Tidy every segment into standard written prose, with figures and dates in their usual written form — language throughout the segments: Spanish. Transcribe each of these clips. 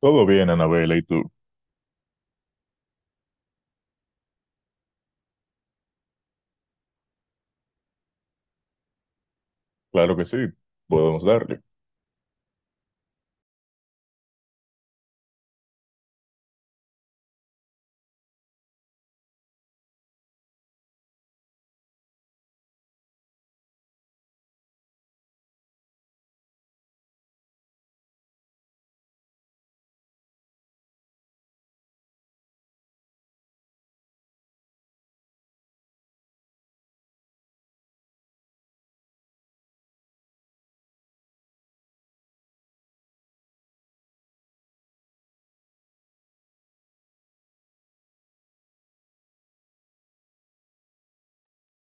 Todo bien, Anabela, ¿y tú? Claro que sí, podemos darle.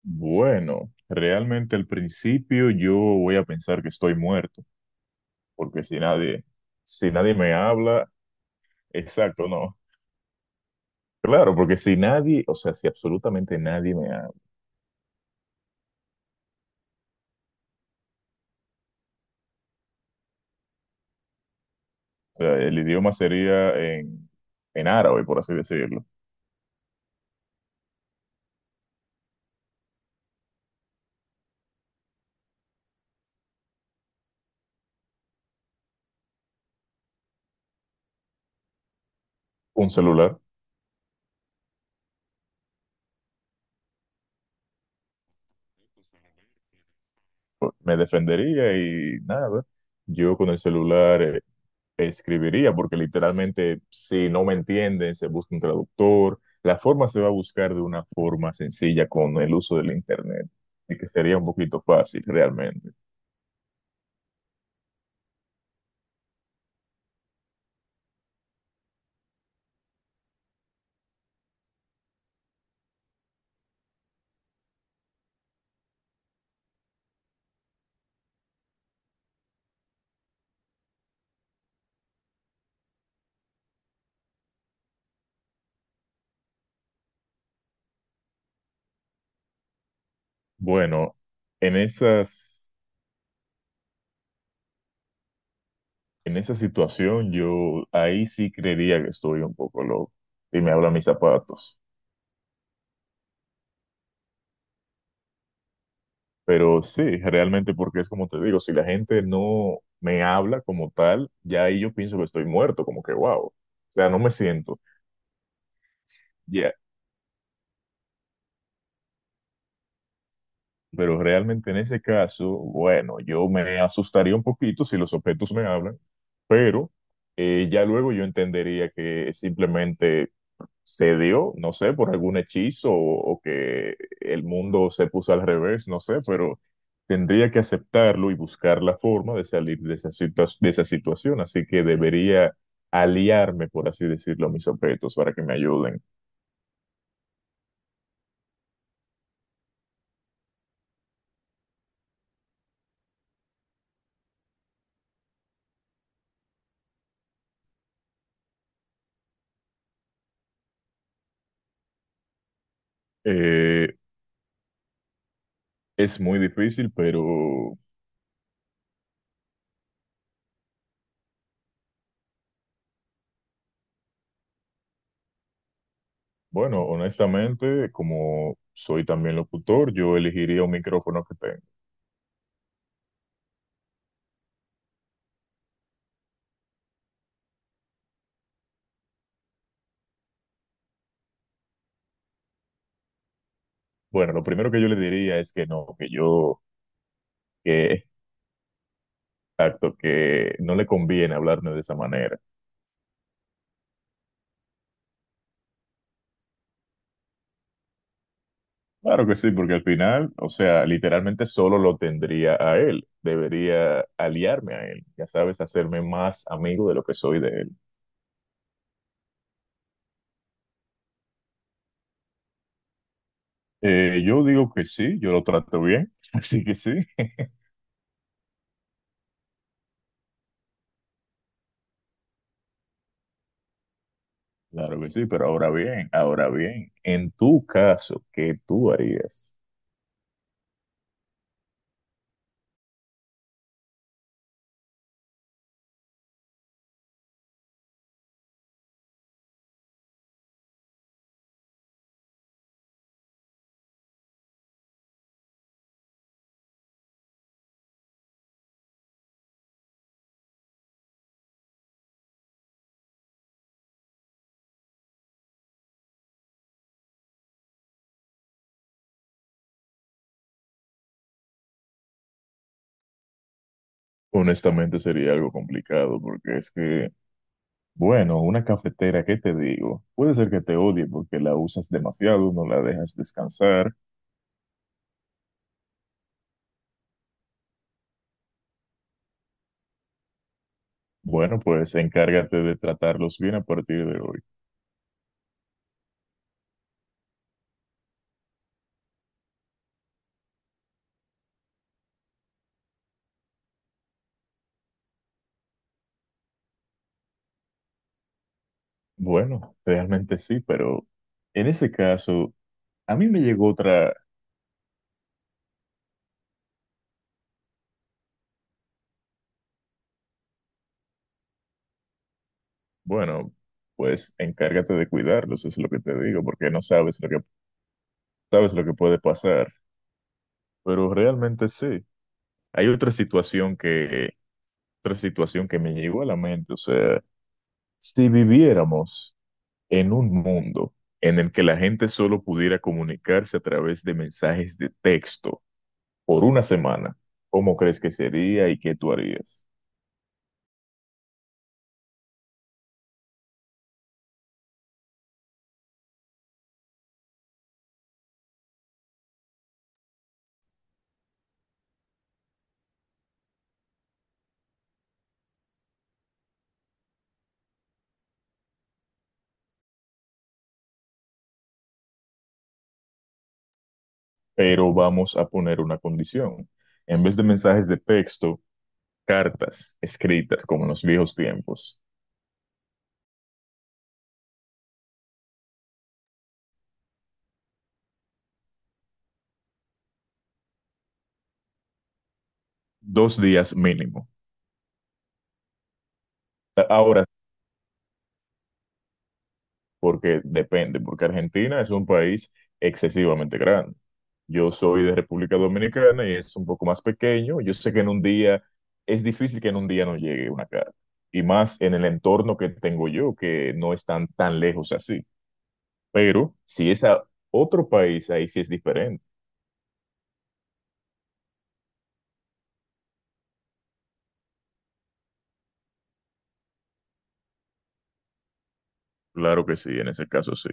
Bueno, realmente al principio yo voy a pensar que estoy muerto, porque si nadie me habla, exacto, no. Claro, porque si nadie, o sea, si absolutamente nadie me habla, o sea, el idioma sería en árabe, por así decirlo. Un celular, pues, me defendería y nada, yo con el celular escribiría, porque literalmente si no me entienden, se busca un traductor, la forma se va a buscar de una forma sencilla con el uso del Internet, y que sería un poquito fácil realmente. Bueno, en esas, en esa situación yo ahí sí creería que estoy un poco loco y me hablan mis zapatos. Pero sí, realmente porque es como te digo, si la gente no me habla como tal, ya ahí yo pienso que estoy muerto, como que wow. O sea, no me siento. Ya. Pero realmente en ese caso, bueno, yo me asustaría un poquito si los objetos me hablan, pero ya luego yo entendería que simplemente se dio, no sé, por algún hechizo o que el mundo se puso al revés, no sé, pero tendría que aceptarlo y buscar la forma de salir de esa situación. Así que debería aliarme, por así decirlo, a mis objetos para que me ayuden. Eh, es muy difícil, pero... Bueno, honestamente, como soy también locutor, yo elegiría un micrófono que tengo. Bueno, lo primero que yo le diría es que no, que, exacto, que no le conviene hablarme de esa manera. Claro que sí, porque al final, o sea, literalmente solo lo tendría a él. Debería aliarme a él, ya sabes, hacerme más amigo de lo que soy de él. Yo digo que sí, yo lo trato bien, así que sí. Claro que sí, pero ahora bien, en tu caso, ¿qué tú harías? Honestamente sería algo complicado porque es que, bueno, una cafetera, ¿qué te digo? Puede ser que te odie porque la usas demasiado, no la dejas descansar. Bueno, pues encárgate de tratarlos bien a partir de hoy. Bueno, realmente sí, pero en ese caso, a mí me llegó otra, bueno, pues encárgate de cuidarlos, es lo que te digo, porque no sabes lo que, sabes lo que puede pasar. Pero realmente sí. Hay otra situación que, me llegó a la mente, o sea. Si viviéramos en un mundo en el que la gente solo pudiera comunicarse a través de mensajes de texto por una semana, ¿cómo crees que sería y qué tú harías? Pero vamos a poner una condición. En vez de mensajes de texto, cartas escritas como en los viejos tiempos, dos días mínimo. Ahora. Porque depende, porque Argentina es un país excesivamente grande. Yo soy de República Dominicana y es un poco más pequeño. Yo sé que en un día es difícil que en un día no llegue una carta, y más en el entorno que tengo yo, que no están tan lejos así. Pero si es a otro país, ahí sí es diferente. Claro que sí, en ese caso sí.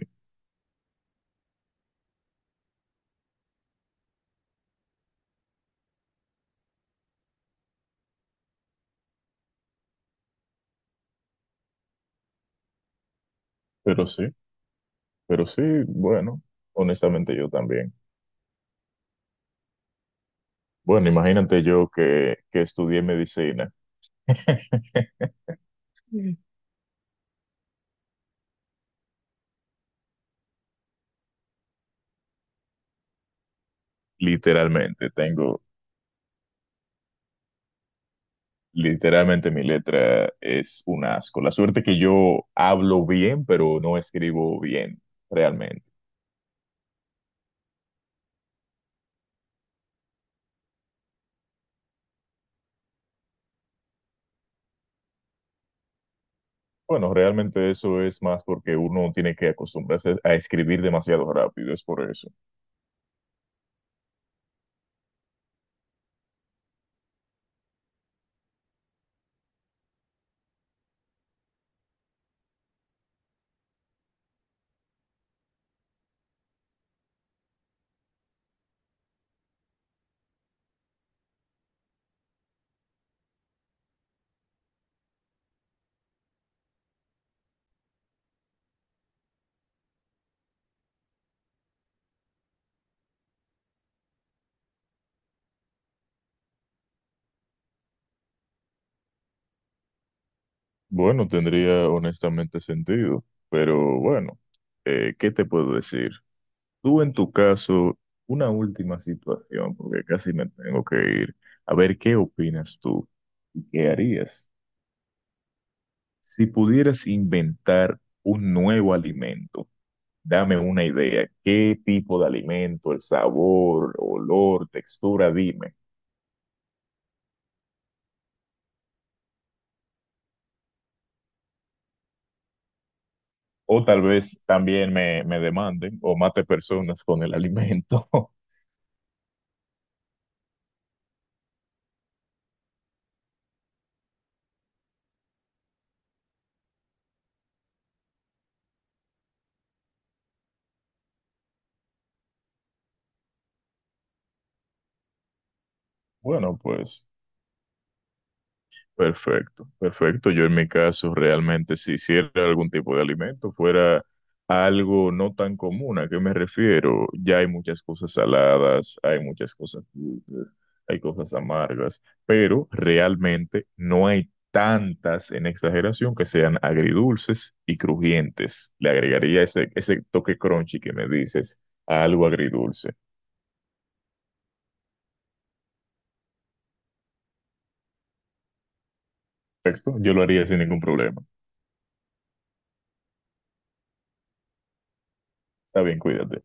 Pero sí, pero sí, bueno, honestamente yo también. Bueno, imagínate yo que estudié medicina. Literalmente, tengo Literalmente mi letra es un asco. La suerte que yo hablo bien, pero no escribo bien, realmente. Bueno, realmente eso es más porque uno tiene que acostumbrarse a escribir demasiado rápido, es por eso. Bueno, tendría honestamente sentido, pero bueno, ¿qué te puedo decir? Tú en tu caso, una última situación, porque casi me tengo que ir. A ver, ¿qué opinas tú? ¿Y qué harías? Si pudieras inventar un nuevo alimento, dame una idea. ¿Qué tipo de alimento, el sabor, olor, textura? Dime. O tal vez también me demanden o mate personas con el alimento. Bueno, pues perfecto, perfecto. Yo en mi caso realmente si hiciera algún tipo de alimento fuera algo no tan común. ¿A qué me refiero? Ya hay muchas cosas saladas, hay muchas cosas dulces, hay cosas amargas, pero realmente no hay tantas en exageración que sean agridulces y crujientes. Le agregaría ese, toque crunchy que me dices a algo agridulce. Perfecto, yo lo haría sin ningún problema. Está bien, cuídate.